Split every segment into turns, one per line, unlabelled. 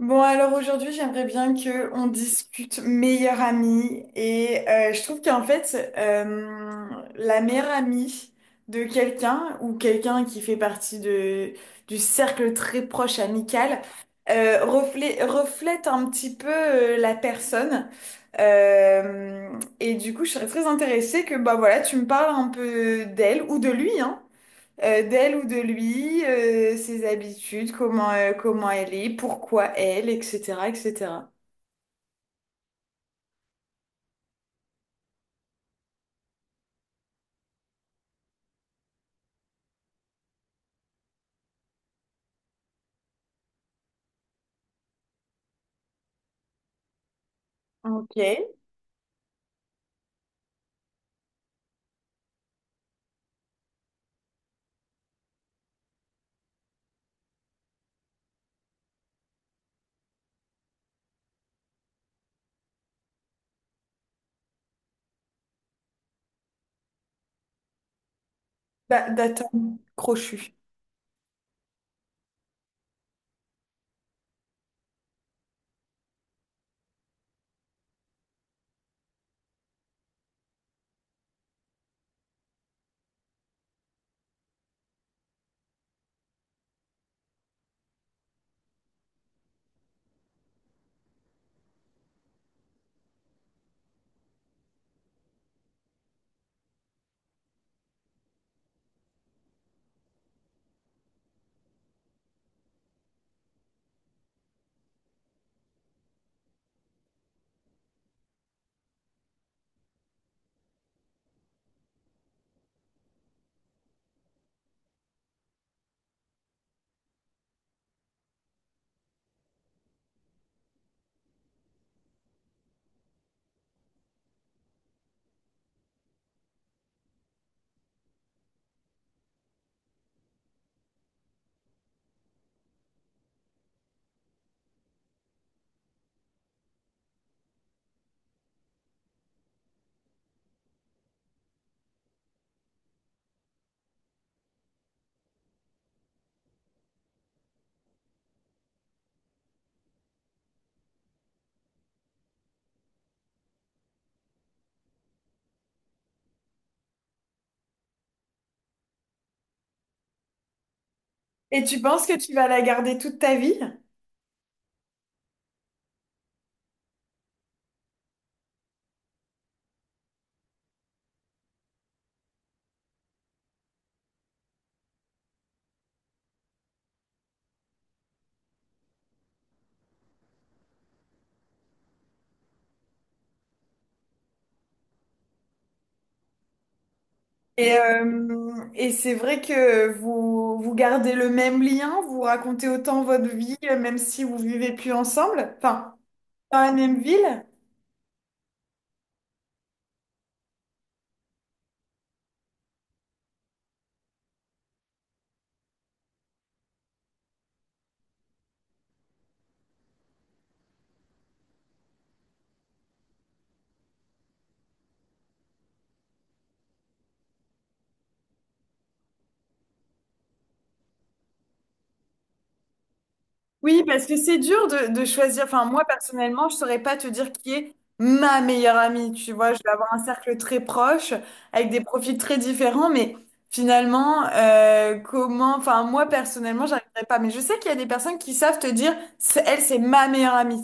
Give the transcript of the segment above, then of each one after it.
Bon, alors aujourd'hui, j'aimerais bien que on discute meilleure amie. Et je trouve qu'en fait, la meilleure amie de quelqu'un ou quelqu'un qui fait partie du cercle très proche amical, reflète un petit peu, la personne. Euh, et du coup, je serais très intéressée que, bah voilà, tu me parles un peu d'elle ou de lui, hein, d'elle ou de lui, ses habitudes, comment, comment elle est, pourquoi elle, etc., etc. Ok. Bah, d'atome crochu. Et tu penses que tu vas la garder toute ta vie? Et c'est vrai que vous, vous gardez le même lien, vous racontez autant votre vie, même si vous vivez plus ensemble, enfin, dans la même ville. Oui, parce que c'est dur de choisir. Enfin, moi, personnellement, je saurais pas te dire qui est ma meilleure amie. Tu vois, je vais avoir un cercle très proche, avec des profils très différents, mais finalement, comment... Enfin, moi, personnellement, j'arriverai pas. Mais je sais qu'il y a des personnes qui savent te dire, c'est- elle, c'est ma meilleure amie.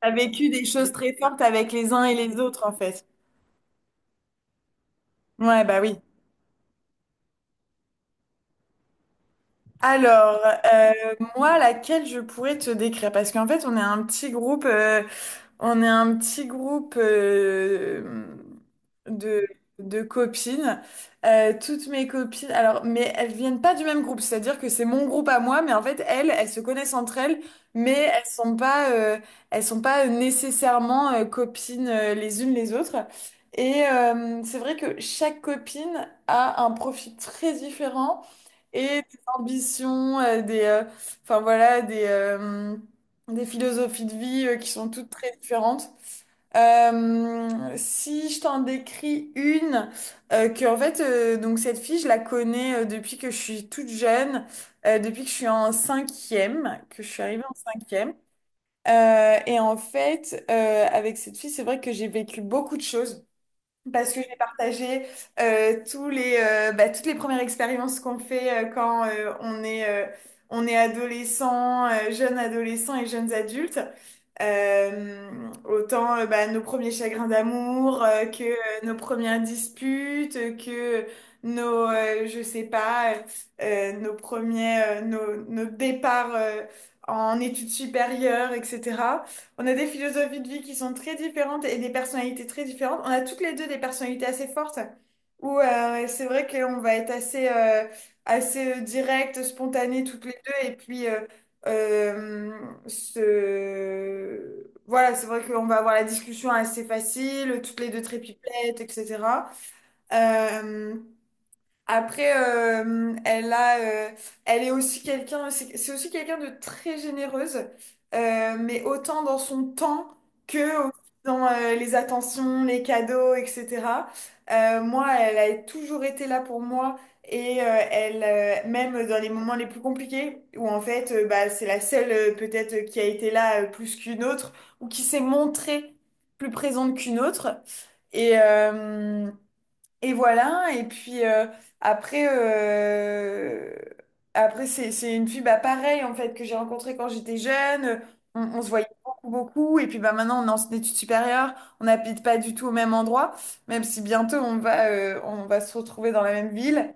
T'as vécu des choses très fortes avec les uns et les autres, en fait. Ouais, bah oui. Alors, euh, moi, laquelle je pourrais te décrire? Parce qu'en fait, on est un petit groupe. On est un petit groupe de, de copines. Toutes mes copines, alors, mais elles viennent pas du même groupe, c'est-à-dire que c'est mon groupe à moi, mais en fait, elles, elles se connaissent entre elles, mais elles sont pas nécessairement, copines, les unes les autres. Et c'est vrai que chaque copine a un profil très différent et des ambitions, enfin voilà, des philosophies de vie, qui sont toutes très différentes. Si je t'en décris une, donc cette fille, je la connais, depuis que je suis toute jeune, depuis que je suis en cinquième, que je suis arrivée en cinquième. Et en fait, avec cette fille, c'est vrai que j'ai vécu beaucoup de choses. Parce que j'ai partagé, bah, toutes les premières expériences qu'on fait, quand, on est adolescent, jeune adolescent et jeunes adultes. Euh, autant, bah, nos premiers chagrins d'amour, que nos premières disputes, que nos, je sais pas, nos premiers, nos départs, en études supérieures, etc. On a des philosophies de vie qui sont très différentes et des personnalités très différentes. On a toutes les deux des personnalités assez fortes où, c'est vrai qu'on va être assez, direct, spontané toutes les deux. Et puis, euh, voilà, c'est vrai qu'on va avoir la discussion assez facile, toutes les deux très pipelettes, etc. Euh, après, euh, elle est aussi quelqu'un, c'est aussi quelqu'un de très généreuse, mais autant dans son temps que aussi dans, les attentions, les cadeaux, etc. Moi, elle a toujours été là pour moi et, même dans les moments les plus compliqués, où en fait, bah, c'est la seule, peut-être, qui a été là, plus qu'une autre ou qui s'est montrée plus présente qu'une autre. Et, et voilà, et puis, après, euh, après c'est une fille, bah, pareil en fait, que j'ai rencontrée quand j'étais jeune. On se voyait beaucoup, beaucoup. Et puis bah, maintenant, on est en études supérieures, on n'habite pas du tout au même endroit, même si bientôt on va se retrouver dans la même ville.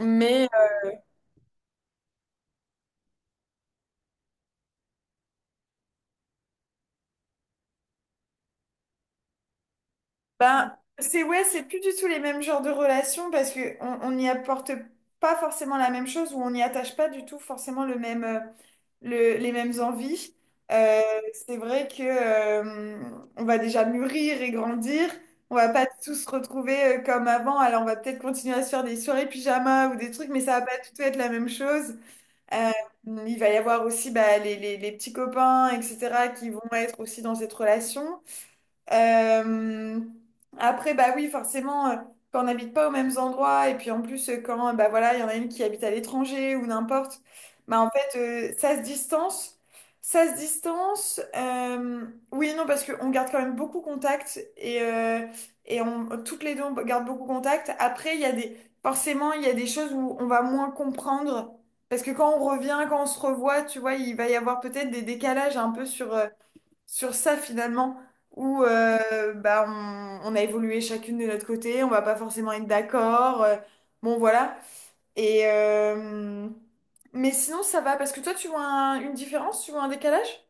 Mais bah, c'est, ouais, c'est plus du tout les mêmes genres de relations parce que on n'y apporte pas forcément la même chose ou on n'y attache pas du tout forcément le même. Les mêmes envies. Euh, c'est vrai que, on va déjà mûrir et grandir. On va pas tous se retrouver, comme avant. Alors on va peut-être continuer à se faire des soirées pyjama ou des trucs, mais ça va pas du tout être la même chose. Euh, il va y avoir aussi bah, les petits copains, etc., qui vont être aussi dans cette relation. Euh, après, bah oui, forcément, quand on n'habite pas aux mêmes endroits, et puis en plus, quand bah voilà, il y en a une qui habite à l'étranger ou n'importe, bah en fait, ça se distance. Ça se distance. Oui, et non, parce qu'on garde quand même beaucoup contact et on, toutes les deux, on garde beaucoup contact. Après, il y a des, forcément, il y a des choses où on va moins comprendre. Parce que quand on revient, quand on se revoit, tu vois, il va y avoir peut-être des décalages un peu sur, sur ça finalement, où, bah, on a évolué chacune de notre côté, on va pas forcément être d'accord. Bon, voilà. Et, mais sinon, ça va, parce que toi, tu vois un- une différence, tu vois un décalage?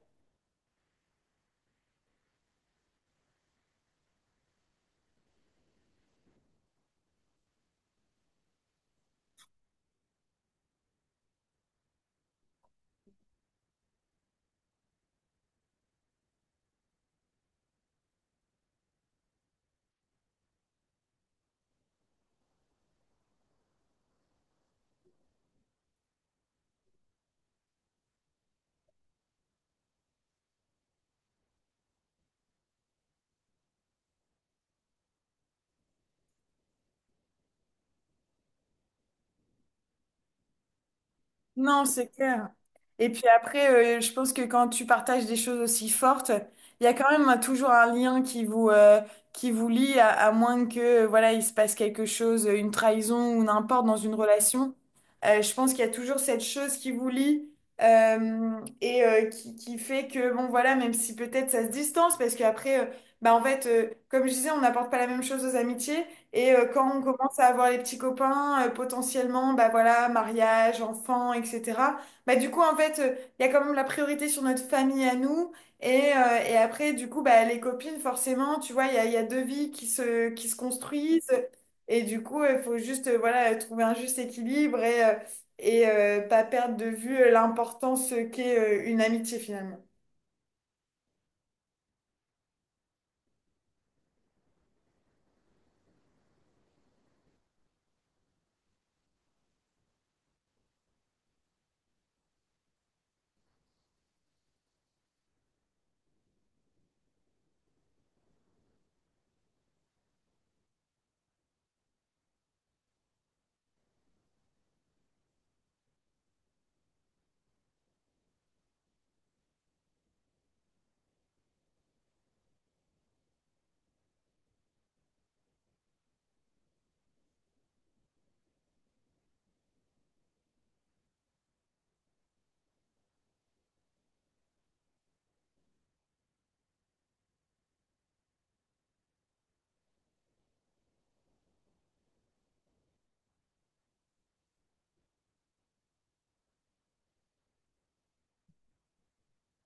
Non, c'est clair. Et puis après, je pense que quand tu partages des choses aussi fortes, il y a quand même un- toujours un lien qui vous lie, à moins que, voilà, il se passe quelque chose, une trahison ou n'importe dans une relation. Je pense qu'il y a toujours cette chose qui vous lie, qui fait que, bon voilà, même si peut-être ça se distance, parce qu'après, bah, en fait, comme je disais, on n'apporte pas la même chose aux amitiés. Et quand on commence à avoir les petits copains, potentiellement, bah voilà, mariage, enfants, etc. Bah, du coup, en fait, il y a quand même la priorité sur notre famille à nous. Et, et après, du coup, bah, les copines, forcément, tu vois, il y a deux vies qui se construisent. Et du coup, il faut juste, voilà, trouver un juste équilibre et, pas perdre de vue l'importance qu'est, une amitié finalement.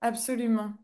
Absolument.